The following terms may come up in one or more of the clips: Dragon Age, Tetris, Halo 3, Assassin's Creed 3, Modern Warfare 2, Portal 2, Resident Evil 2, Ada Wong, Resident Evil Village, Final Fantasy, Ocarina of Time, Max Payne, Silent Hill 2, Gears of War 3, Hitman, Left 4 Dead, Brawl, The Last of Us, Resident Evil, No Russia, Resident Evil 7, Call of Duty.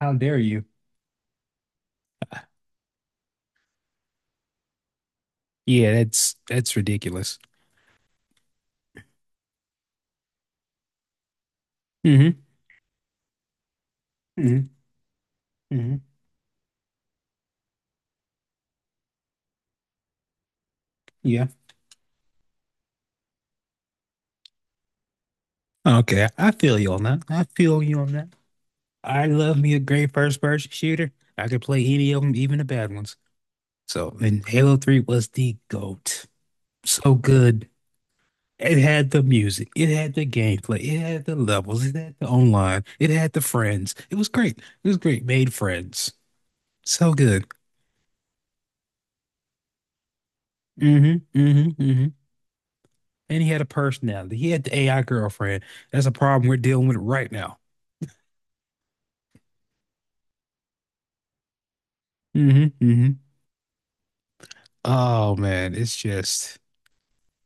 How dare you? Yeah, that's ridiculous. Hmm hmm hmm Yeah. Okay, I feel you on that. I feel you on that. I love me a great first person shooter. I could play any of them, even the bad ones. So, and Halo 3 was the GOAT. So good. It had the music, it had the gameplay, it had the levels, it had the online, it had the friends. It was great. It was great. Made friends. So good. Hmm hmm hmm And he had a personality. He had the AI girlfriend. That's a problem we're dealing with right now. Hmm hmm Oh man, it's just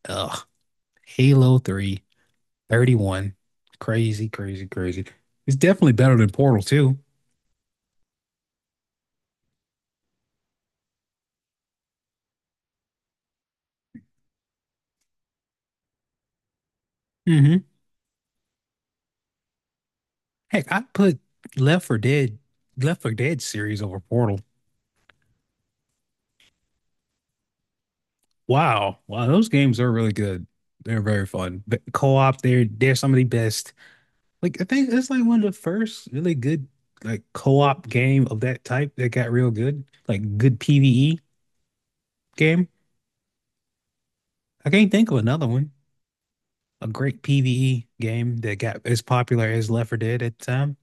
ugh. Halo 3, 31. Crazy, crazy, crazy. It's definitely better than Portal 2. Mm-hmm. Heck, I put Left for Dead, Left for Dead series over Portal. Wow. Wow, those games are really good. They're very fun. But co-op, they're some of the best. Like I think it's like one of the first really good like co-op game of that type that got real good. Like good PvE game. I can't think of another one. A great PvE game that got as popular as Left 4 Dead at the time.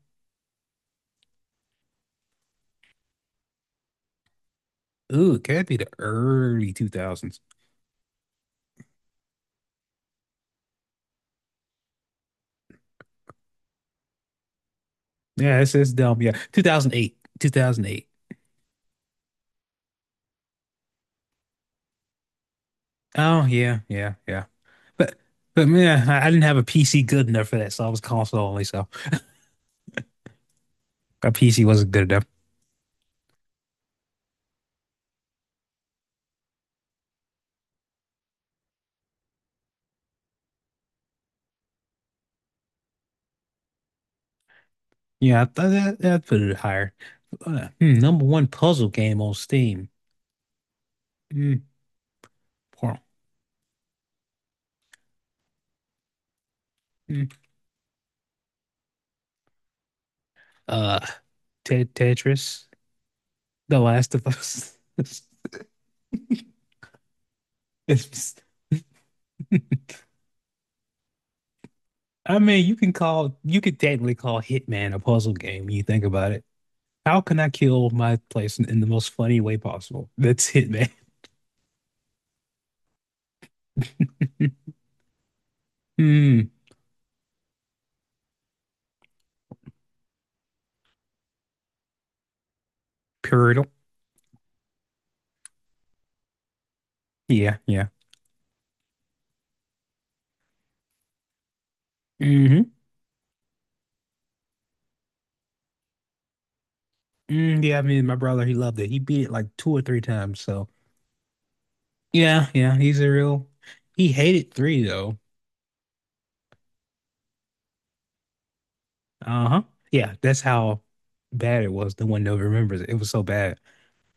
Ooh, it could be the early 2000s. Yeah, it's dumb. Yeah, 2008, 2008. Oh yeah, yeah, yeah. But but man, I didn't have a PC good enough for that, so I was console only. So my PC wasn't good enough. Yeah, I th that that put it higher. Number one puzzle game on Steam. Hmm, poor. Hmm. Uh, Tetris, The Last of Us. It's- I mean, you could technically call Hitman a puzzle game when you think about it. How can I kill my place in the most funny way possible? That's Hitman. Hmm, Pyramidal. Yeah, yeah. hmm Yeah, I mean, my brother, he loved it. He beat it like two or three times. So. Yeah, yeah, he's a real. He hated three though. Uh-huh. Yeah, that's how bad it was. The one that remembers it. It was so bad,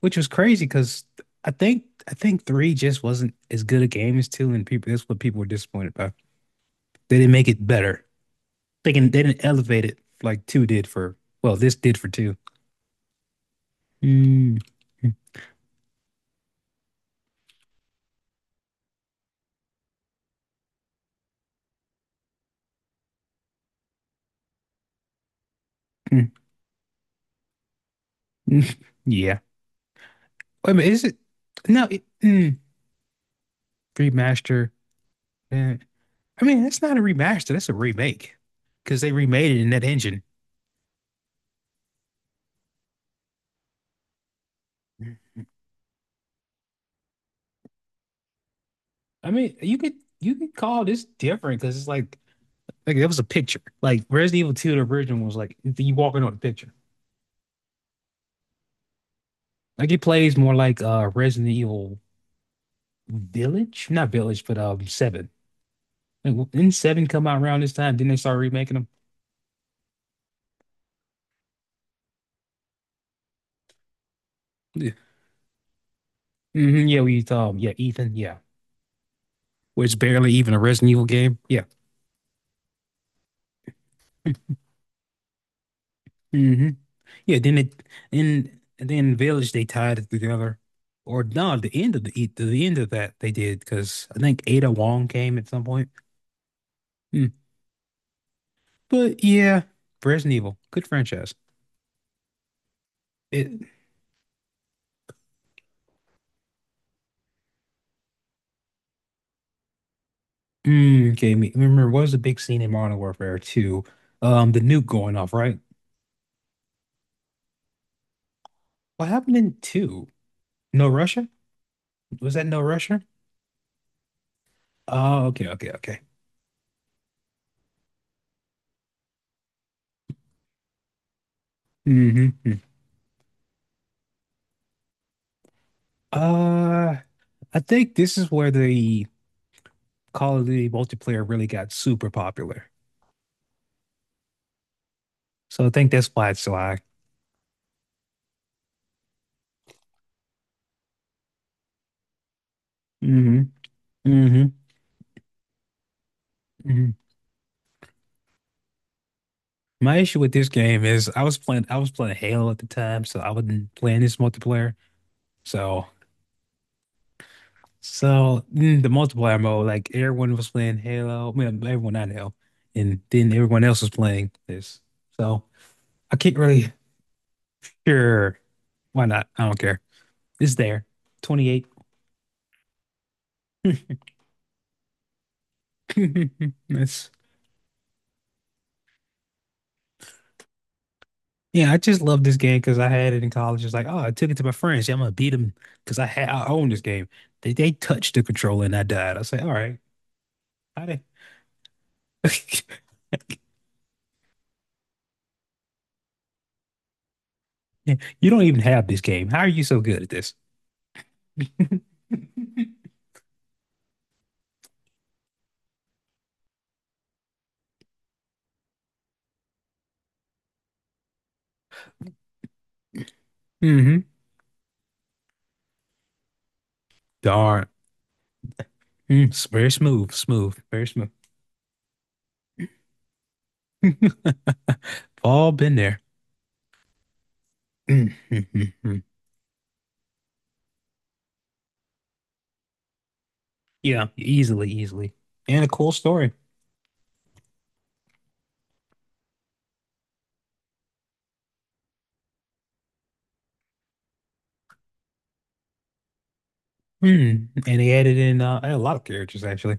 which was crazy because I think three just wasn't as good a game as two, and people that's what people were disappointed by. They didn't make it better. They didn't elevate it like two did for. Well, this did for two. Mm. Mm, mm, mm. Yeah. Wait a minute, is it? No, it, remaster. Eh, I mean, that's not a remaster. That's a remake because they remade it in that engine. I mean, you could call this different because it's like it was a picture. Like Resident Evil 2, the original was like you walking on a picture. Like it plays more like Resident Evil Village, not Village, but Seven. Like, didn't Seven come out around this time? Didn't they start remaking them? Yeah, yeah, we yeah Ethan, yeah, where it's barely even a Resident Evil game. Yeah. hmm Yeah, then it in and then Village they tied it together. Or no, the end of that they did because I think Ada Wong came at some point. Hmm. But yeah, Resident Evil, good franchise. It mm, gave me remember what was the big scene in Modern Warfare 2? The nuke going off, right? What happened in 2? No Russia? Was that No Russia? Oh, okay, okay, okay. Mm-hmm. hmm. Uh, I think this is where the Call of Duty multiplayer really got super popular. So I think that's why it's July. Hmm hmm hmm My issue with this game is I was playing Halo at the time, so I wasn't playing this multiplayer. So so the multiplayer mode, like everyone was playing Halo, I mean, everyone not Halo, and then everyone else was playing this. So I can't really sure why not. I don't care. It's there. 28. That's Yeah, I just love this game because I had it in college. It's like, oh, I took it to my friends. Yeah, I'm gonna beat them because I own this game. They touched the controller and I died. I say, all right, how they? You don't even have this game. How are you so good at this? hmm Darn. It's very smooth, smooth, very smooth. All been there. Mm, mm, mm, mm. Yeah, easily, easily. And a cool story. Mm. And they added in a lot of characters actually.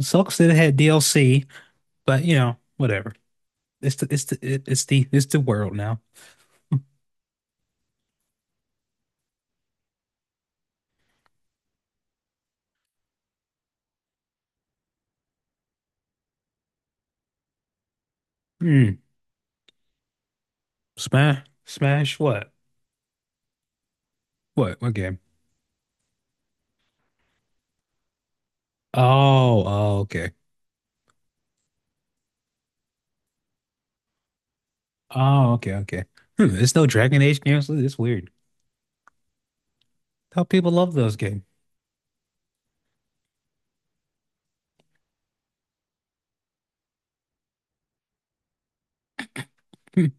Sucks that it had DLC, but whatever. It's the world now. Hmm. Smash what? What game? Oh okay. Oh okay okay. There's no Dragon Age games. It's weird. How people love those games. Hmm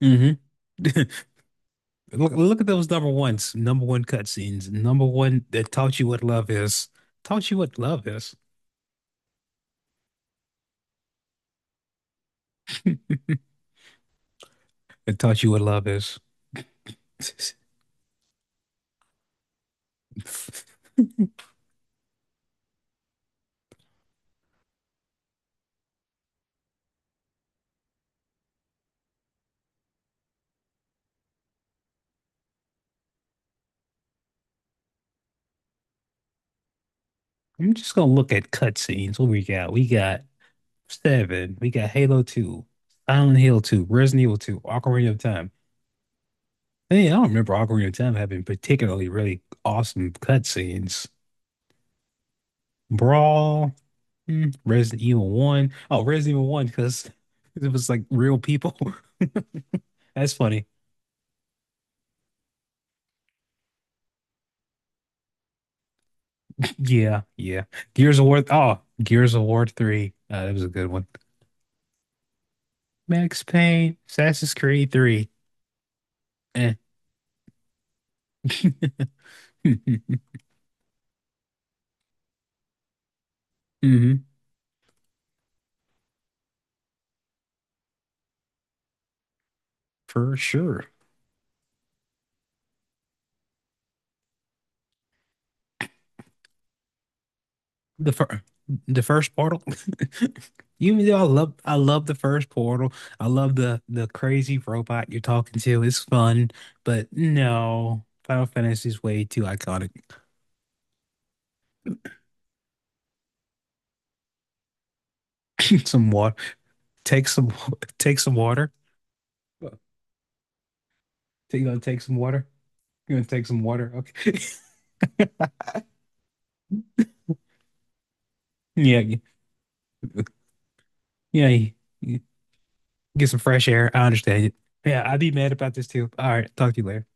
Look at those number ones, number one cutscenes, number one that taught you what love is. Taught you what love is. It taught you what love is. I'm just gonna look at cutscenes. What we got? We got Seven. We got Halo 2, Silent Hill 2, Resident Evil 2, Ocarina of Time. Hey, I don't remember Ocarina of Time having particularly really awesome cutscenes. Brawl, Resident Evil 1. Oh, Resident Evil 1, because it was like real people. That's funny. Yeah, yeah. Gears of War. Oh, Gears of War 3. That was a good one. Max Payne, Assassin's Creed 3. Eh. hmm for sure. The first, the first portal. Even though I love the first portal. I love the crazy robot you're talking to. It's fun, but no, Final Fantasy is way too iconic. Some water. Take some. Take some water. You gonna take some water? You gonna take some water? Okay. Yeah. Yeah. Y- Get some fresh air. I understand it. Yeah, I'd be mad about this too. All right. Talk to you later.